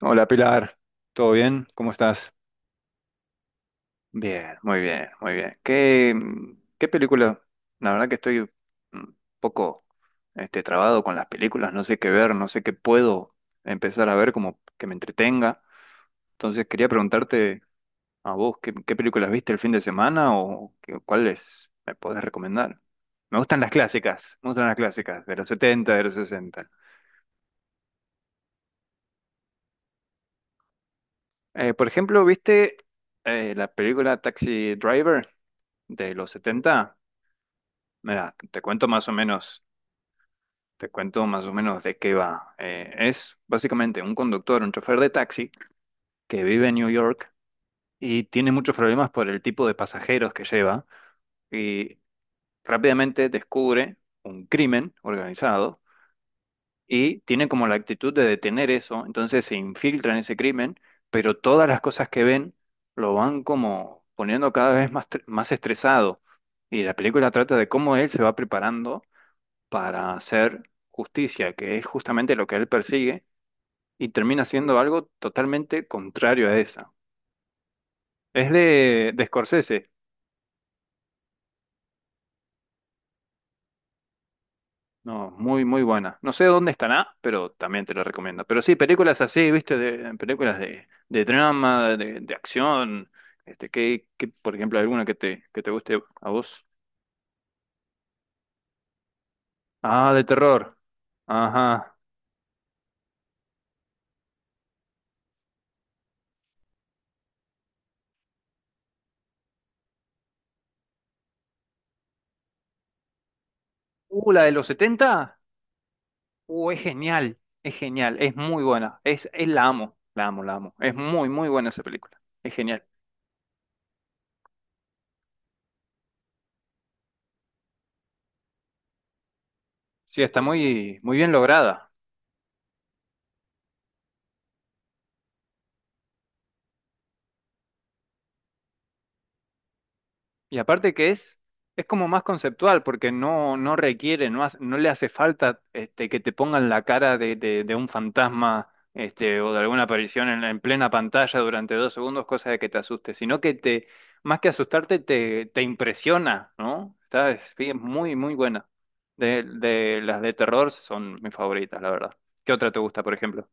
Hola Pilar, ¿todo bien? ¿Cómo estás? Bien, muy bien, muy bien. ¿Qué, qué película? La verdad que estoy un poco trabado con las películas, no sé qué ver, no sé qué puedo empezar a ver como que me entretenga. Entonces quería preguntarte a vos, ¿qué películas viste el fin de semana o cuáles me podés recomendar? Me gustan las clásicas, me gustan las clásicas, de los 70, de los 60. Por ejemplo, ¿viste la película Taxi Driver de los 70? Mira, te cuento más o menos, te cuento más o menos de qué va. Es básicamente un conductor, un chofer de taxi que vive en New York y tiene muchos problemas por el tipo de pasajeros que lleva y rápidamente descubre un crimen organizado y tiene como la actitud de detener eso, entonces se infiltra en ese crimen, pero todas las cosas que ven lo van como poniendo cada vez más, más estresado. Y la película trata de cómo él se va preparando para hacer justicia, que es justamente lo que él persigue, y termina siendo algo totalmente contrario a esa. Es de Scorsese. No, muy, muy buena. No sé dónde estará, pero también te lo recomiendo. Pero sí, películas así, viste, películas de drama, de acción, que, por ejemplo, alguna que te guste a vos. Ah, de terror. Ajá. La de los 70. Es genial, es genial, es muy buena. Es la amo, la amo, la amo. Es muy, muy buena esa película. Es genial. Sí, está muy, muy bien lograda. Y aparte que es como más conceptual, porque no, no requiere, no le hace falta que te pongan la cara de un fantasma o de alguna aparición en plena pantalla durante 2 segundos, cosa de que te asuste, sino que te, más que asustarte, te impresiona, ¿no? Es bien, muy, muy buena. De las de terror son mis favoritas, la verdad. ¿Qué otra te gusta, por ejemplo?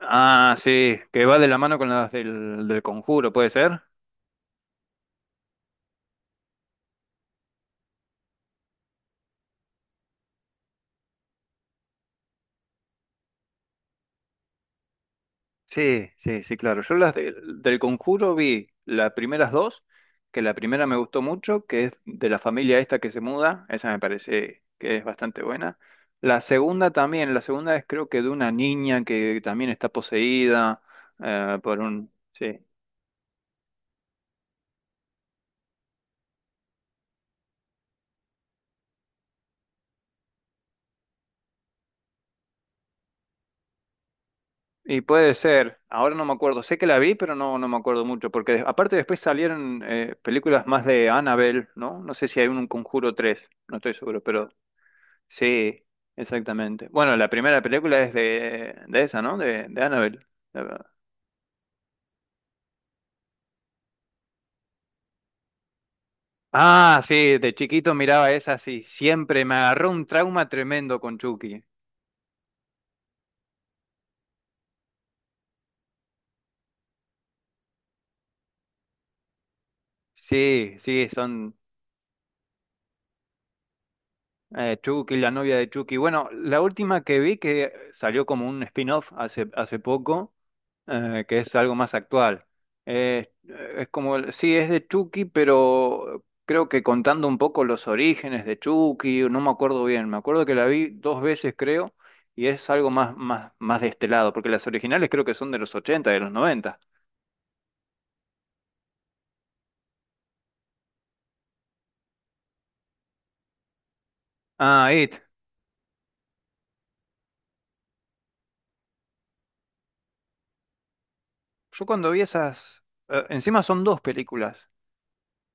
Ah, sí, que va de la mano con las del conjuro, ¿puede ser? Sí, sí, sí, claro. Yo del Conjuro vi las primeras dos, que la primera me gustó mucho, que es de la familia esta que se muda, esa me parece que es bastante buena. La segunda también, la segunda es creo que de una niña que también está poseída por un. Sí. Y puede ser, ahora no me acuerdo, sé que la vi, pero no, no me acuerdo mucho, porque aparte después salieron películas más de Annabelle, ¿no? No sé si hay un Conjuro 3. No estoy seguro, pero. Sí, exactamente. Bueno, la primera película es de esa, ¿no? De Annabelle. La- Ah, sí, de chiquito miraba esa, sí. Siempre me agarró un trauma tremendo con Chucky. Sí, sí, son Chucky, la novia de Chucky. Bueno, la última que vi que salió como un spin-off hace poco. Que es algo más actual. Eh, es como, sí, es de Chucky, pero creo que contando un poco los orígenes de Chucky, no me acuerdo bien, me acuerdo que la vi dos veces, creo, y es algo más, más, más de este lado, porque las originales creo que son de los 80 de los 90. Ah, It. Yo cuando vi esas, encima son dos películas.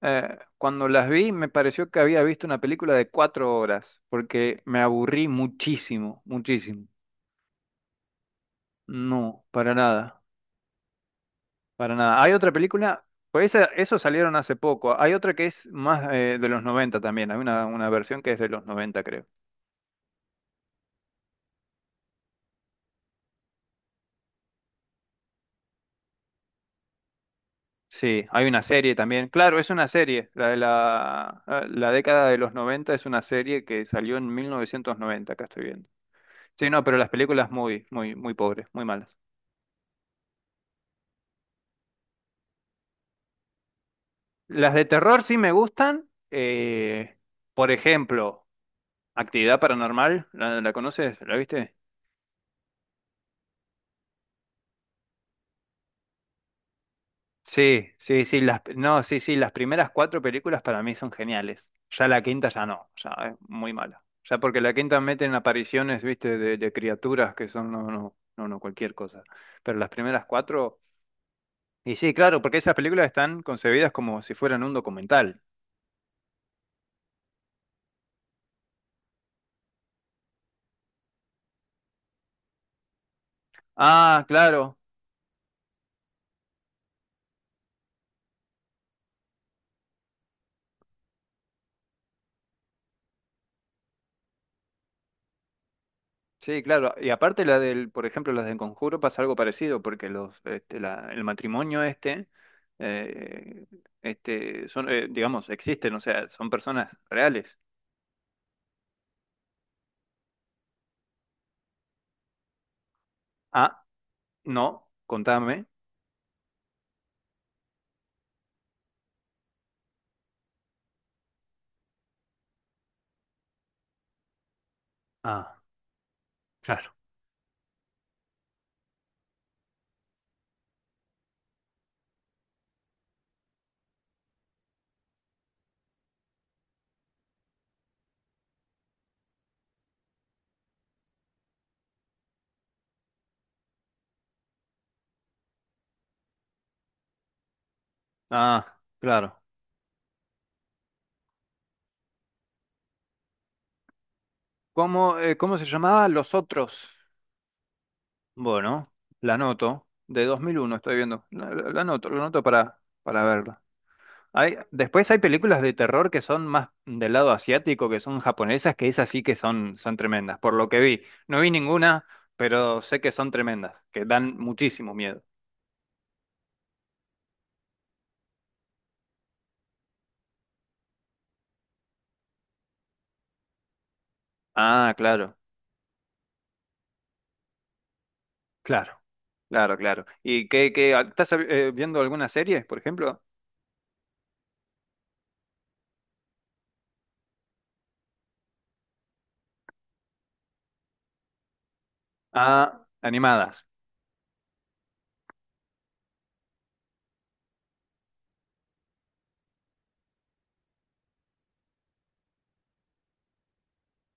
Cuando las vi me pareció que había visto una película de 4 horas, porque me aburrí muchísimo, muchísimo. No, para nada. Para nada. Hay otra película, pues esa, eso salieron hace poco. Hay otra que es más de los 90 también. Hay una versión que es de los 90, creo. Sí, hay una serie también. Claro, es una serie. La de la década de los 90 es una serie que salió en 1990. Acá estoy viendo. Sí, no, pero las películas muy, muy, muy pobres, muy malas. Las de terror sí me gustan. Por ejemplo, Actividad Paranormal, ¿la conoces? ¿La viste? Sí, sí, sí, las, no, sí, sí, las primeras cuatro películas para mí son geniales. Ya la quinta ya no, ya es muy mala. Ya porque la quinta meten apariciones, viste, de criaturas que son, no, no, no, no, cualquier cosa. Pero las primeras cuatro, y sí, claro, porque esas películas están concebidas como si fueran un documental. Ah, claro, sí, claro. Y aparte la del, por ejemplo, las del Conjuro pasa algo parecido, porque los, el matrimonio este, eh, son, digamos, existen, o sea, son personas reales. Ah, no, contame. Ah, claro. Ah, claro. ¿Cómo se llamaba Los Otros? Bueno, la noto. De 2001. Estoy viendo. La noto, la noto, para verla. Después hay películas de terror que son más del lado asiático, que son japonesas, que esas sí que son, son tremendas, por lo que vi. No vi ninguna, pero sé que son tremendas, que dan muchísimo miedo. Ah, claro, claro, claro, claro. ¿Y estás viendo alguna serie, por ejemplo? Ah, animadas.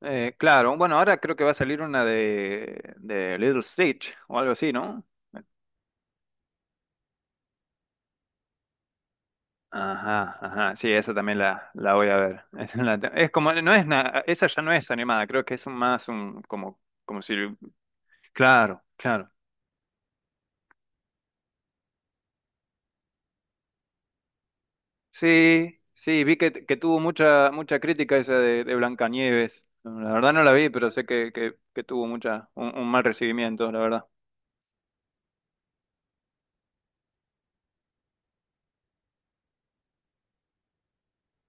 Claro, bueno, ahora creo que va a salir una de Little Stitch o algo así, ¿no? Ajá, ajá, sí, esa también la voy a ver. Es como, no es nada, esa ya no es animada, creo que es un más un, como si, claro, claro. Sí, sí, vi que tuvo mucha crítica esa de Blancanieves. La verdad no la vi, pero sé que tuvo un mal recibimiento, la verdad.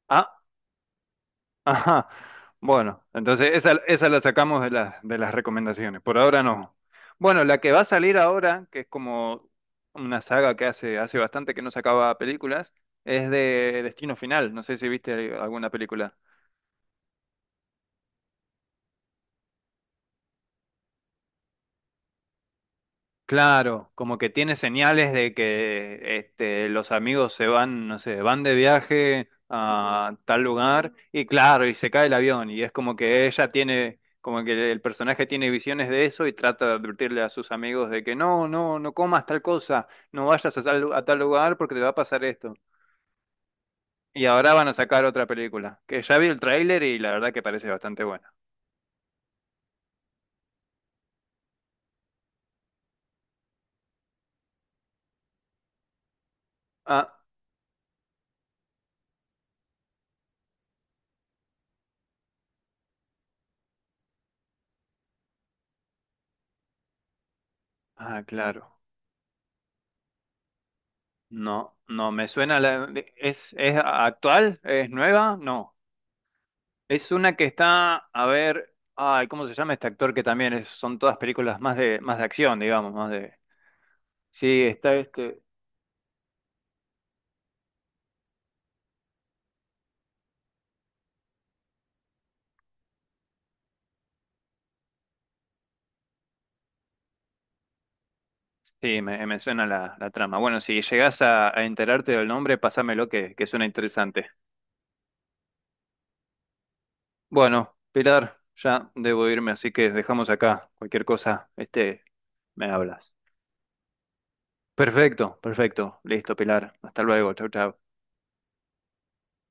Ah. Ajá. Bueno, entonces esa la sacamos de las recomendaciones. Por ahora no. Bueno, la que va a salir ahora, que es como una saga que hace bastante que no sacaba películas, es de Destino Final. No sé si viste alguna película. Claro, como que tiene señales de que los amigos se van, no sé, van de viaje a tal lugar y claro, y se cae el avión y es como que ella tiene, como que el personaje tiene visiones de eso y trata de advertirle a sus amigos de que no, no, no comas tal cosa, no vayas a tal lugar porque te va a pasar esto. Y ahora van a sacar otra película, que ya vi el tráiler y la verdad que parece bastante buena. Ah, ah, claro. No, no, me suena la. ¿Es actual? ¿Es nueva? No. Es una que está, a ver, ay, ¿cómo se llama este actor que también son todas películas más de, acción, digamos, más de. Sí, está este. Sí, me suena la trama. Bueno, si llegás a enterarte del nombre, pásamelo que suena interesante. Bueno, Pilar, ya debo irme, así que dejamos acá. Cualquier cosa, me hablas. Perfecto, perfecto. Listo, Pilar. Hasta luego. Chau, chau.